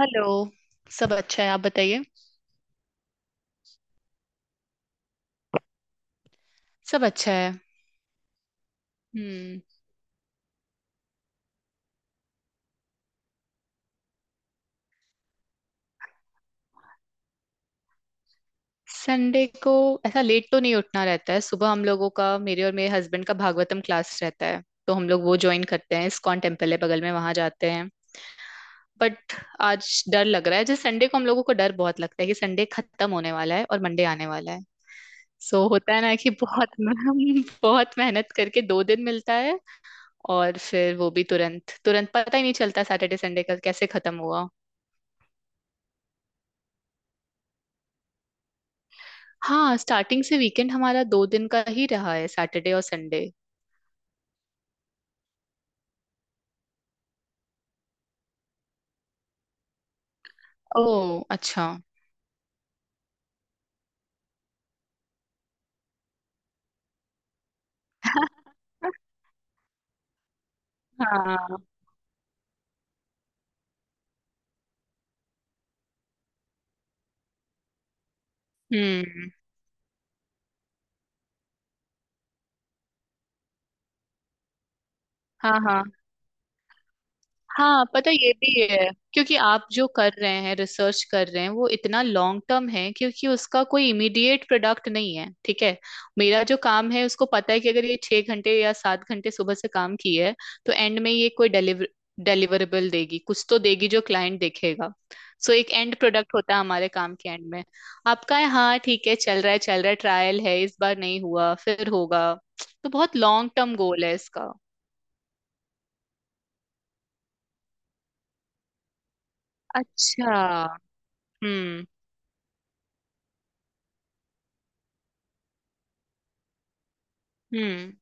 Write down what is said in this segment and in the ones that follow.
Hello. सब अच्छा है, आप बताइए। सब अच्छा है। हम्म। संडे को ऐसा लेट तो नहीं उठना रहता है। सुबह हम लोगों का, मेरे और मेरे हस्बैंड का, भागवतम क्लास रहता है, तो हम लोग वो ज्वाइन करते हैं। इस्कॉन टेम्पल है बगल में, वहां जाते हैं। बट आज डर लग रहा है, जैसे संडे को हम लोगों को डर बहुत लगता है कि संडे खत्म होने वाला है और मंडे आने वाला है। सो होता है ना कि बहुत बहुत मेहनत करके 2 दिन मिलता है। और फिर वो भी तुरंत तुरंत पता ही नहीं चलता सैटरडे संडे का कैसे खत्म हुआ। हाँ, स्टार्टिंग से वीकेंड हमारा 2 दिन का ही रहा है, सैटरडे और संडे। ओह अच्छा। हाँ। हम्म। हाँ हाँ। हाँ पता है, ये भी है क्योंकि आप जो कर रहे हैं, रिसर्च कर रहे हैं, वो इतना लॉन्ग टर्म है क्योंकि उसका कोई इमीडिएट प्रोडक्ट नहीं है ठीक है। मेरा जो काम है उसको पता है कि अगर ये 6 घंटे या 7 घंटे सुबह से काम की है, तो एंड में ये कोई डिलीवरेबल देगी, कुछ तो देगी जो क्लाइंट देखेगा। सो एक एंड प्रोडक्ट होता है हमारे काम के एंड में। आपका है हाँ ठीक है, चल रहा है चल रहा है, ट्रायल है, इस बार नहीं हुआ फिर होगा, तो बहुत लॉन्ग टर्म गोल है इसका। अच्छा। हम्म हम्म।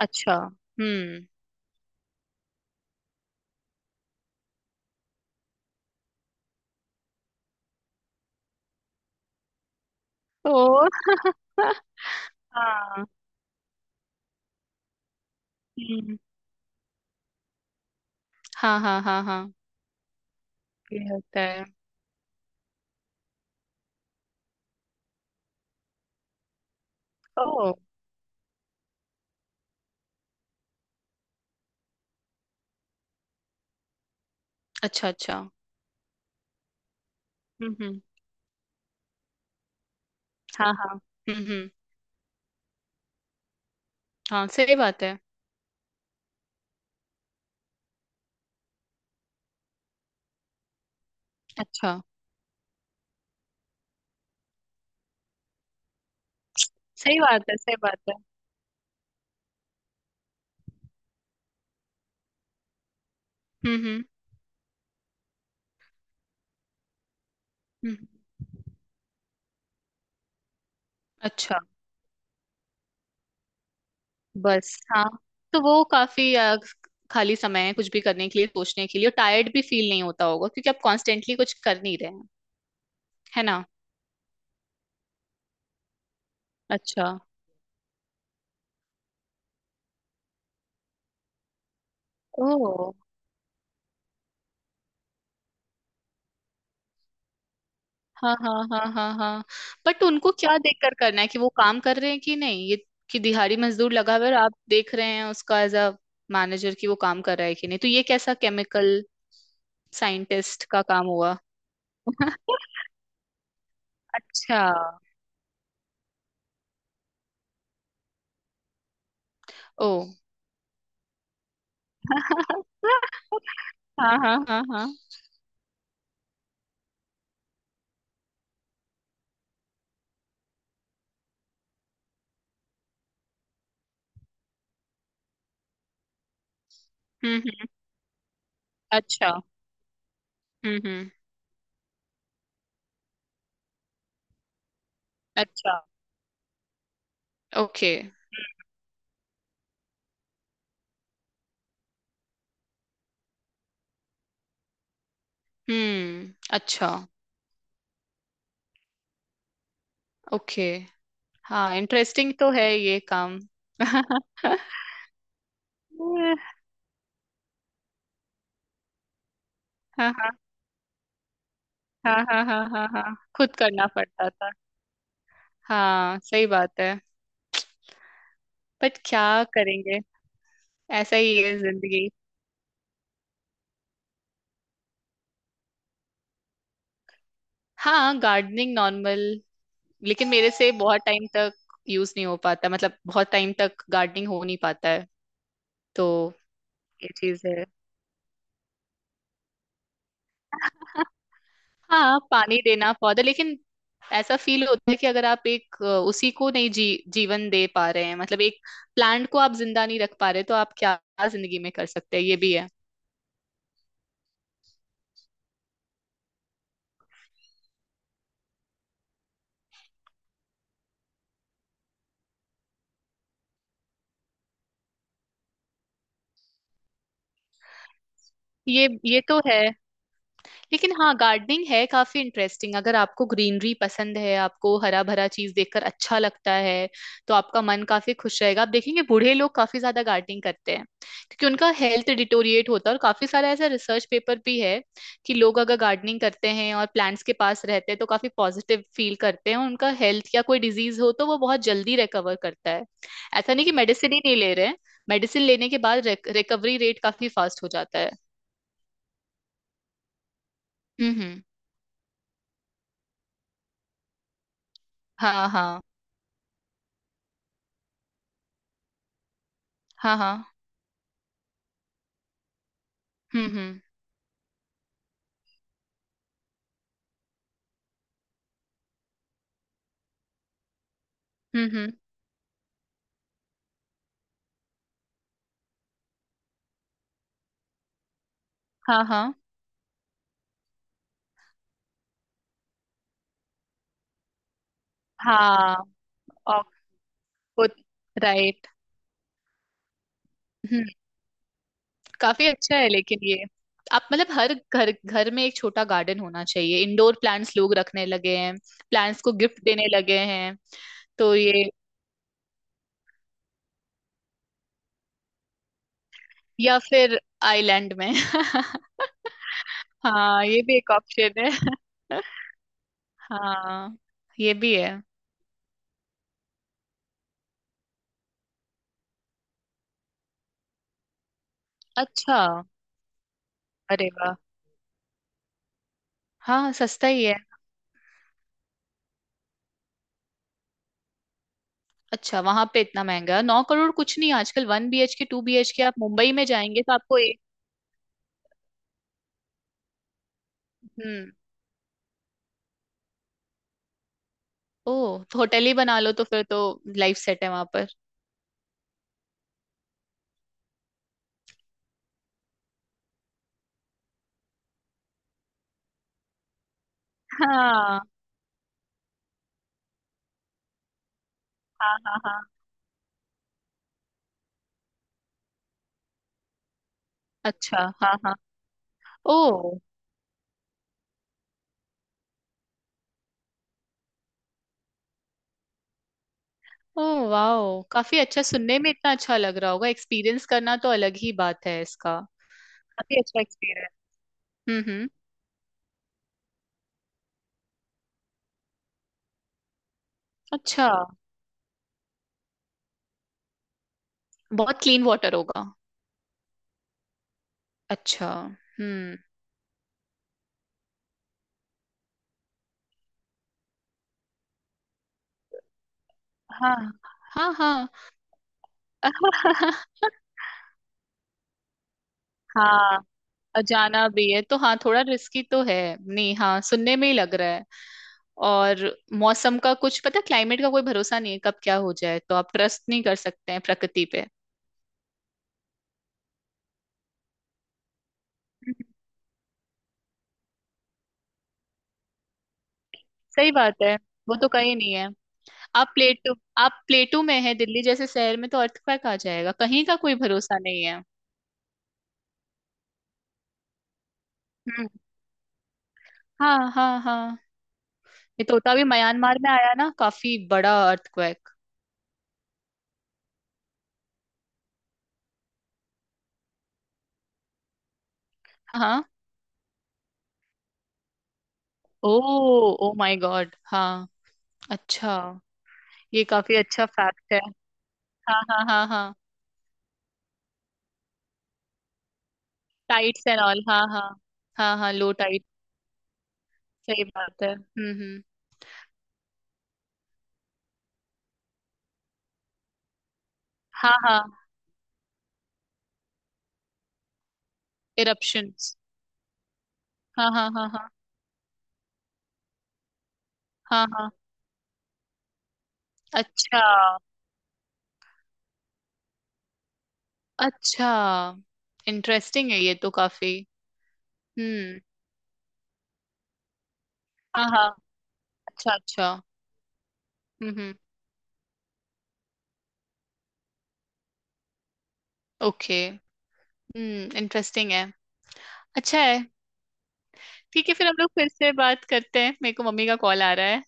अच्छा। हम्म। तो हाँ। हम्म। हाँ हाँ हाँ हाँ। ये होता है। ओ अच्छा अच्छा। हम्म। हाँ हाँ। हम्म। हाँ सही बात है। अच्छा। सही बात है, सही बात है। हम्म। हम्म, अच्छा। बस हाँ। तो वो काफी खाली समय है, कुछ भी करने के लिए, सोचने के लिए। और टायर्ड भी फील नहीं होता होगा क्योंकि आप कॉन्स्टेंटली कुछ कर नहीं रहे हैं, है ना। अच्छा। ओ। हाँ हाँ हाँ हाँ हाँ। बट उनको क्या देखकर करना है कि वो काम कर रहे हैं कि नहीं, ये कि दिहाड़ी मजदूर लगा हुआ है और आप देख रहे हैं उसका एज अ मैनेजर कि वो काम कर रहा है कि नहीं, तो ये कैसा केमिकल साइंटिस्ट का काम हुआ। अच्छा। ओ। हाँ हाँ हाँ हाँ। हम्म हम्म, अच्छा। हम्म। अच्छा। ओके। हम्म। अच्छा। ओके। हाँ इंटरेस्टिंग तो है ये काम। हाँ हाँ हाँ हाँ हाँ। हाँ हाँ खुद करना पड़ता था। हाँ सही बात है। बट क्या करेंगे। ऐसा ही है जिंदगी। हाँ गार्डनिंग नॉर्मल, लेकिन मेरे से बहुत टाइम तक यूज नहीं हो पाता, मतलब बहुत टाइम तक गार्डनिंग हो नहीं पाता है, तो ये चीज है। हाँ पानी देना पौधा, लेकिन ऐसा फील होता है कि अगर आप एक उसी को नहीं जी जीवन दे पा रहे हैं, मतलब एक प्लांट को आप जिंदा नहीं रख पा रहे, तो आप क्या जिंदगी में कर सकते हैं, ये भी है। ये तो है। लेकिन हाँ गार्डनिंग है काफी इंटरेस्टिंग, अगर आपको ग्रीनरी पसंद है, आपको हरा भरा चीज देखकर अच्छा लगता है, तो आपका मन काफी खुश रहेगा। आप देखेंगे बूढ़े लोग काफी ज्यादा गार्डनिंग करते हैं, क्योंकि उनका हेल्थ डिटोरिएट होता है। और काफी सारा ऐसा रिसर्च पेपर भी है कि लोग अगर गार्डनिंग करते हैं और प्लांट्स के पास रहते हैं, तो काफी पॉजिटिव फील करते हैं, और उनका हेल्थ या कोई डिजीज हो तो वो बहुत जल्दी रिकवर करता है। ऐसा नहीं कि मेडिसिन ही नहीं ले रहे हैं, मेडिसिन लेने के बाद रिकवरी रेट काफी फास्ट हो जाता है। हम्म। हाँ हाँ। हाँ हाँ। हम्म। हम्म हम्म, हाँ हाँ। हाँ ऑकूट। राइट। हम्म। काफी अच्छा है, लेकिन ये आप मतलब हर घर घर में एक छोटा गार्डन होना चाहिए। इंडोर प्लांट्स लोग रखने लगे हैं, प्लांट्स को गिफ्ट देने लगे हैं, तो ये या फिर आइलैंड में। हाँ ये भी एक ऑप्शन है। हाँ ये भी है। अच्छा। अरे वाह। हाँ सस्ता ही है। अच्छा वहां पे इतना महंगा है। 9 करोड़ कुछ नहीं आजकल, 1 BHK 2 BHK आप मुंबई में जाएंगे तो आपको एक। हम्म। ओह तो होटल ही बना लो, तो फिर तो लाइफ सेट है वहां पर। हाँ हाँ हाँ हाँ। अच्छा। हाँ हाँ। ओह। Oh wow. काफी अच्छा, सुनने में इतना अच्छा लग रहा होगा, एक्सपीरियंस करना तो अलग ही बात है इसका। काफी अच्छा एक्सपीरियंस। हम्म। अच्छा। बहुत क्लीन वाटर होगा। अच्छा। हम्म। हाँ हाँ हाँ। हाँ। अजाना भी है तो हाँ, थोड़ा रिस्की तो है। नहीं हाँ, सुनने में ही लग रहा है। और मौसम का कुछ पता, क्लाइमेट का कोई भरोसा नहीं है, कब क्या हो जाए, तो आप ट्रस्ट नहीं कर सकते हैं प्रकृति पे। हम्म, सही बात है। वो तो कहीं नहीं है। आप प्लेटो आप प्लेटो में है, दिल्ली जैसे शहर में तो अर्थक्वेक आ जाएगा, कहीं का कोई भरोसा नहीं है। हम्म। हाँ हाँ हाँ। ये तो होता, भी म्यांमार में आया ना काफी बड़ा अर्थक्वेक। हाँ। ओ। Oh my God. हाँ। अच्छा। ये काफी अच्छा फैक्ट है। हाँ हाँ हाँ हाँ। टाइट्स एंड ऑल, हाँ हाँ। हाँ हाँ लो टाइट। सही बात है। हम्म। हाँ हाँ। इरप्शंस। हाँ हाँ हाँ हाँ। हाँ हाँ। अच्छा। अच्छा। इंटरेस्टिंग है ये तो काफी। हम्म। हाँ हाँ। अच्छा अच्छा। हम्म। ओके। हम्म, इंटरेस्टिंग है। अच्छा है। ठीक है फिर हम लोग फिर से बात करते हैं, मेरे को मम्मी का कॉल आ रहा है।